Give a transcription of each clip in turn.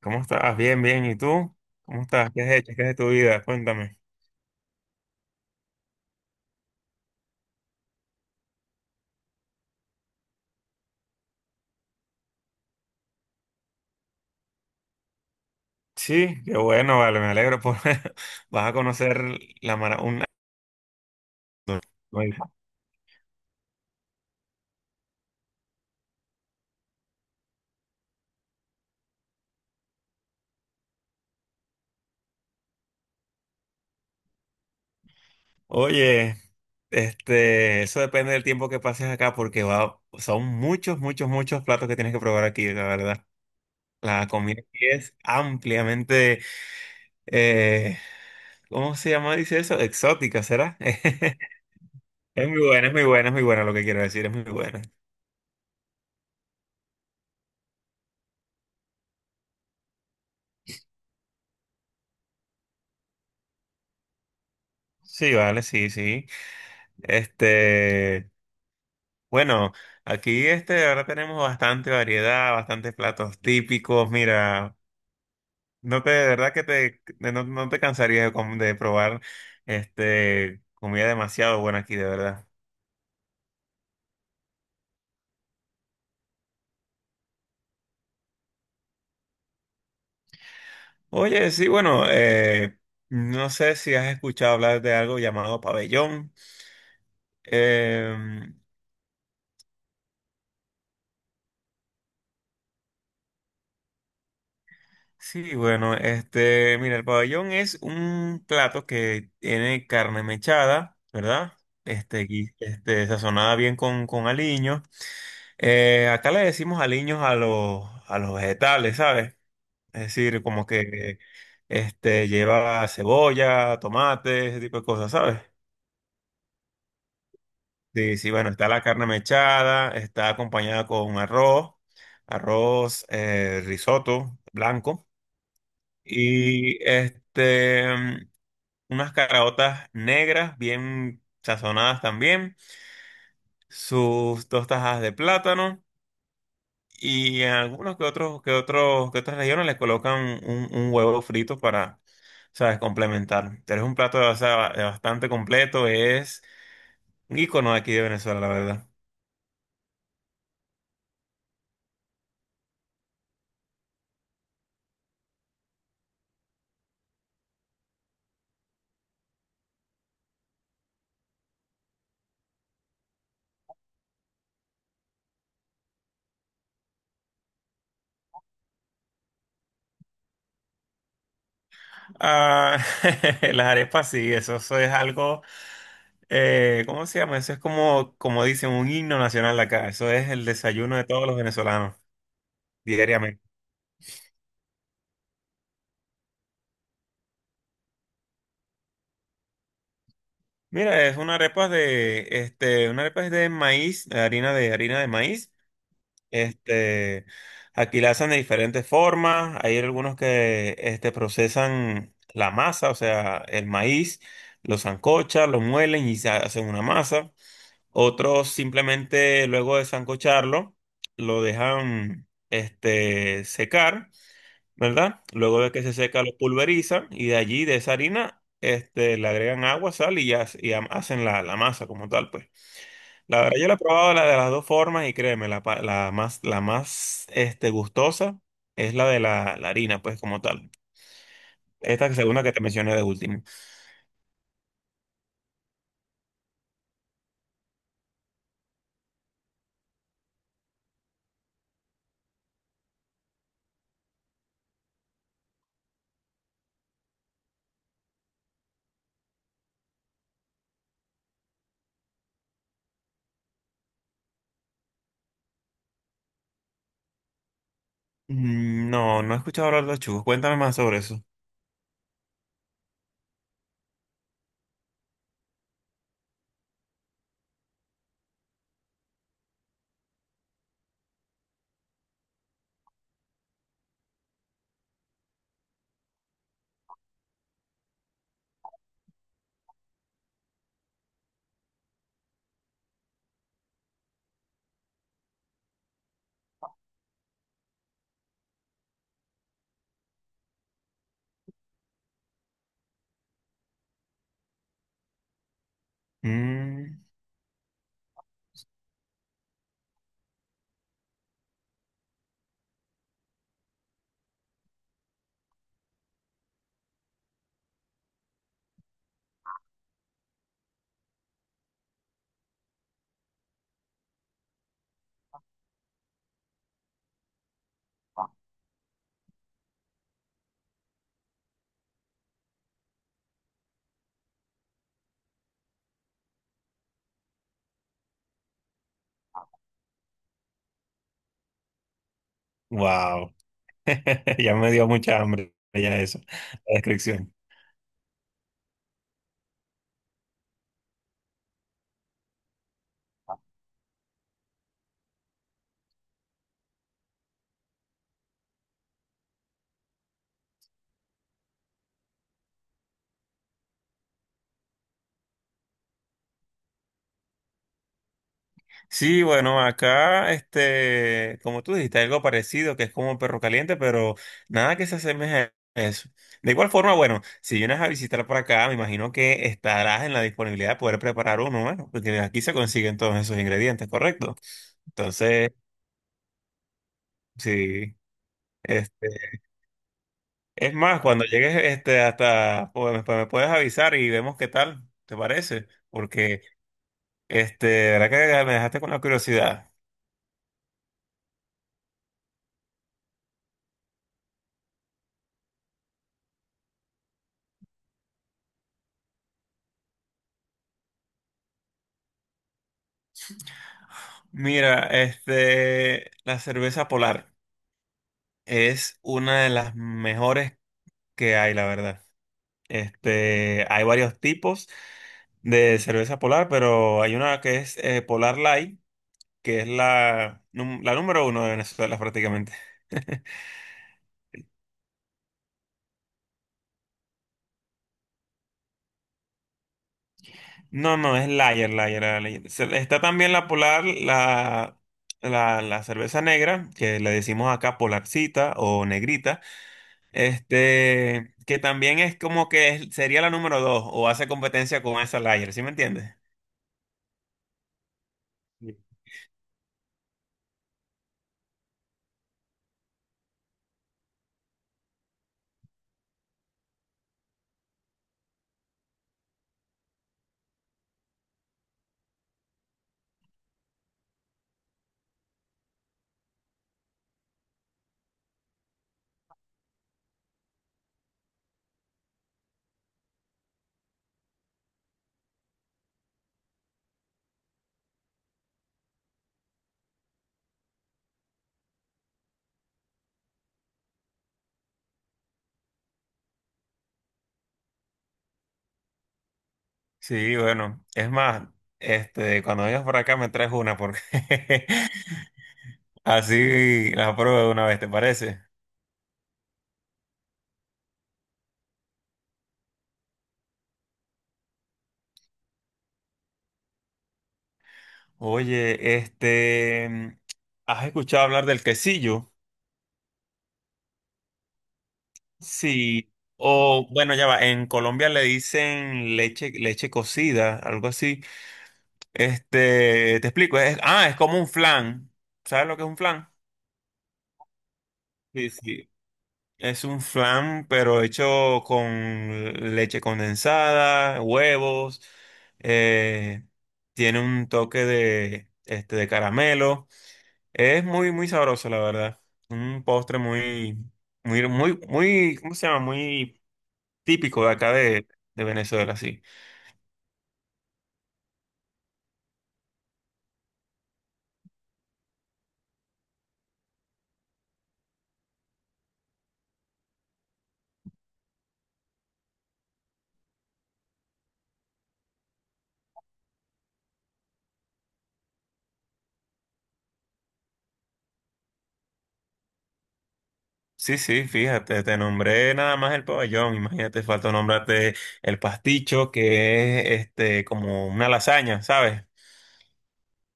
¿Cómo estás? Bien, bien. ¿Y tú? ¿Cómo estás? ¿Qué has hecho? ¿Qué es de tu vida? Cuéntame. Sí, qué bueno, vale, me alegro por vas a conocer la mara un- Oye, eso depende del tiempo que pases acá porque va, son muchos, muchos platos que tienes que probar aquí, la verdad. La comida aquí es ampliamente, eh, ¿cómo se llama? Dice eso, exótica, ¿será? Es muy buena, es muy buena, es muy buena lo que quiero decir, es muy buena. Sí, vale, sí, sí. Este, Bueno, aquí ahora tenemos bastante variedad, bastantes platos típicos. Mira, no te, de verdad que te, de- no, no te cansarías de, com- de probar comida demasiado buena aquí, de verdad. Oye, sí, bueno, no sé si has escuchado hablar de algo llamado pabellón. Eh, sí, bueno, mira, el pabellón es un plato que tiene carne mechada, ¿verdad? Gui- sazonada bien con aliño. Acá le decimos aliños a los vegetales, ¿sabes? Es decir, como que lleva cebolla, tomate, ese tipo de cosas, ¿sabes? Sí, sí, bueno, está la carne mechada, está acompañada con arroz, risotto blanco y unas caraotas negras bien sazonadas también, sus dos tajas de plátano. Y en algunos que otros, que otras regiones le colocan un huevo frito para, sabes, complementar. Pero es un plato, o sea, ba- bastante completo, es un icono aquí de Venezuela, la verdad. Ah, las arepas sí, eso es algo, ¿cómo se llama? Eso es como, como dicen, un himno nacional de acá. Eso es el desayuno de todos los venezolanos, diariamente. Mira, es una arepa de, una arepa es de maíz, harina de maíz. Este, aquí la hacen de diferentes formas. Hay algunos que procesan la masa, o sea, el maíz, lo sancochan, lo muelen y se hacen una masa. Otros simplemente luego de sancocharlo, lo dejan secar, ¿verdad? Luego de que se seca, lo pulverizan y de allí, de esa harina, le agregan agua, sal y, ya- y ha- hacen la, la masa como tal, pues. La verdad, yo la he probado la de las dos formas y créeme, la, pa- la más gustosa es la de la, la harina, pues como tal. Esta segunda que te mencioné de último. Mm, no, no he escuchado hablar de los churros. Cuéntame más sobre eso. Mm, wow. Ya me dio mucha hambre ya eso, la descripción. Sí, bueno, acá, como tú dijiste, algo parecido, que es como un perro caliente, pero nada que se asemeje a eso. De igual forma, bueno, si vienes a visitar por acá, me imagino que estarás en la disponibilidad de poder preparar uno, bueno, porque aquí se consiguen todos esos ingredientes, ¿correcto? Entonces, sí, este, es más, cuando llegues, hasta, pues, me puedes avisar y vemos qué tal, ¿te parece? Porque, la verdad que me dejaste con la curiosidad. Mira, la cerveza Polar es una de las mejores que hay, la verdad. Hay varios tipos de cerveza Polar, pero hay una que es Polar Light, que es la, num- la número uno de Venezuela prácticamente. No, no, es Lager, Lager. La Lager. Se- Está también la Polar, la cerveza negra, que le decimos acá Polarcita o Negrita. Que también es como que es- sería la número dos o hace competencia con esa Layer, ¿sí me entiendes? Sí. Sí, bueno, es más, cuando vengas por acá me traes una porque así la pruebo de una vez, ¿te parece? Oye, ¿has escuchado hablar del quesillo? Sí, o bueno, ya va, en Colombia le dicen leche, leche cocida, algo así. Te explico, es, ah, es como un flan. ¿Sabes lo que es un flan? Sí, sí. Es un flan, pero hecho con leche condensada, huevos, eh, tiene un toque de, de caramelo. Es muy, muy sabroso, la verdad. Un postre muy, muy, muy, muy, ¿cómo se llama? Muy típico de acá de Venezuela, sí. Sí, sí, fíjate, te nombré nada más el pabellón. Imagínate, falta nombrarte el pasticho, que es como una lasaña, ¿sabes?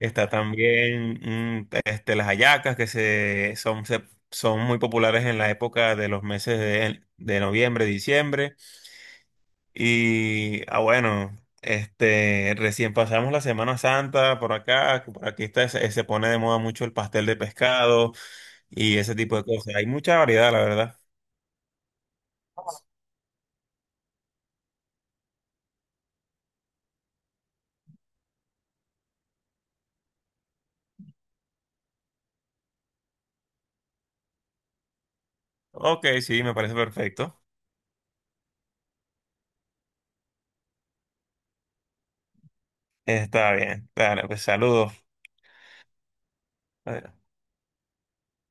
Está también las hallacas que se- son muy populares en la época de los meses de noviembre, diciembre. Y ah, bueno, recién pasamos la Semana Santa por acá, que por aquí está, se pone de moda mucho el pastel de pescado y ese tipo de cosas. Hay mucha variedad, la verdad. Ok, sí, me parece perfecto. Está bien. Claro, pues saludos.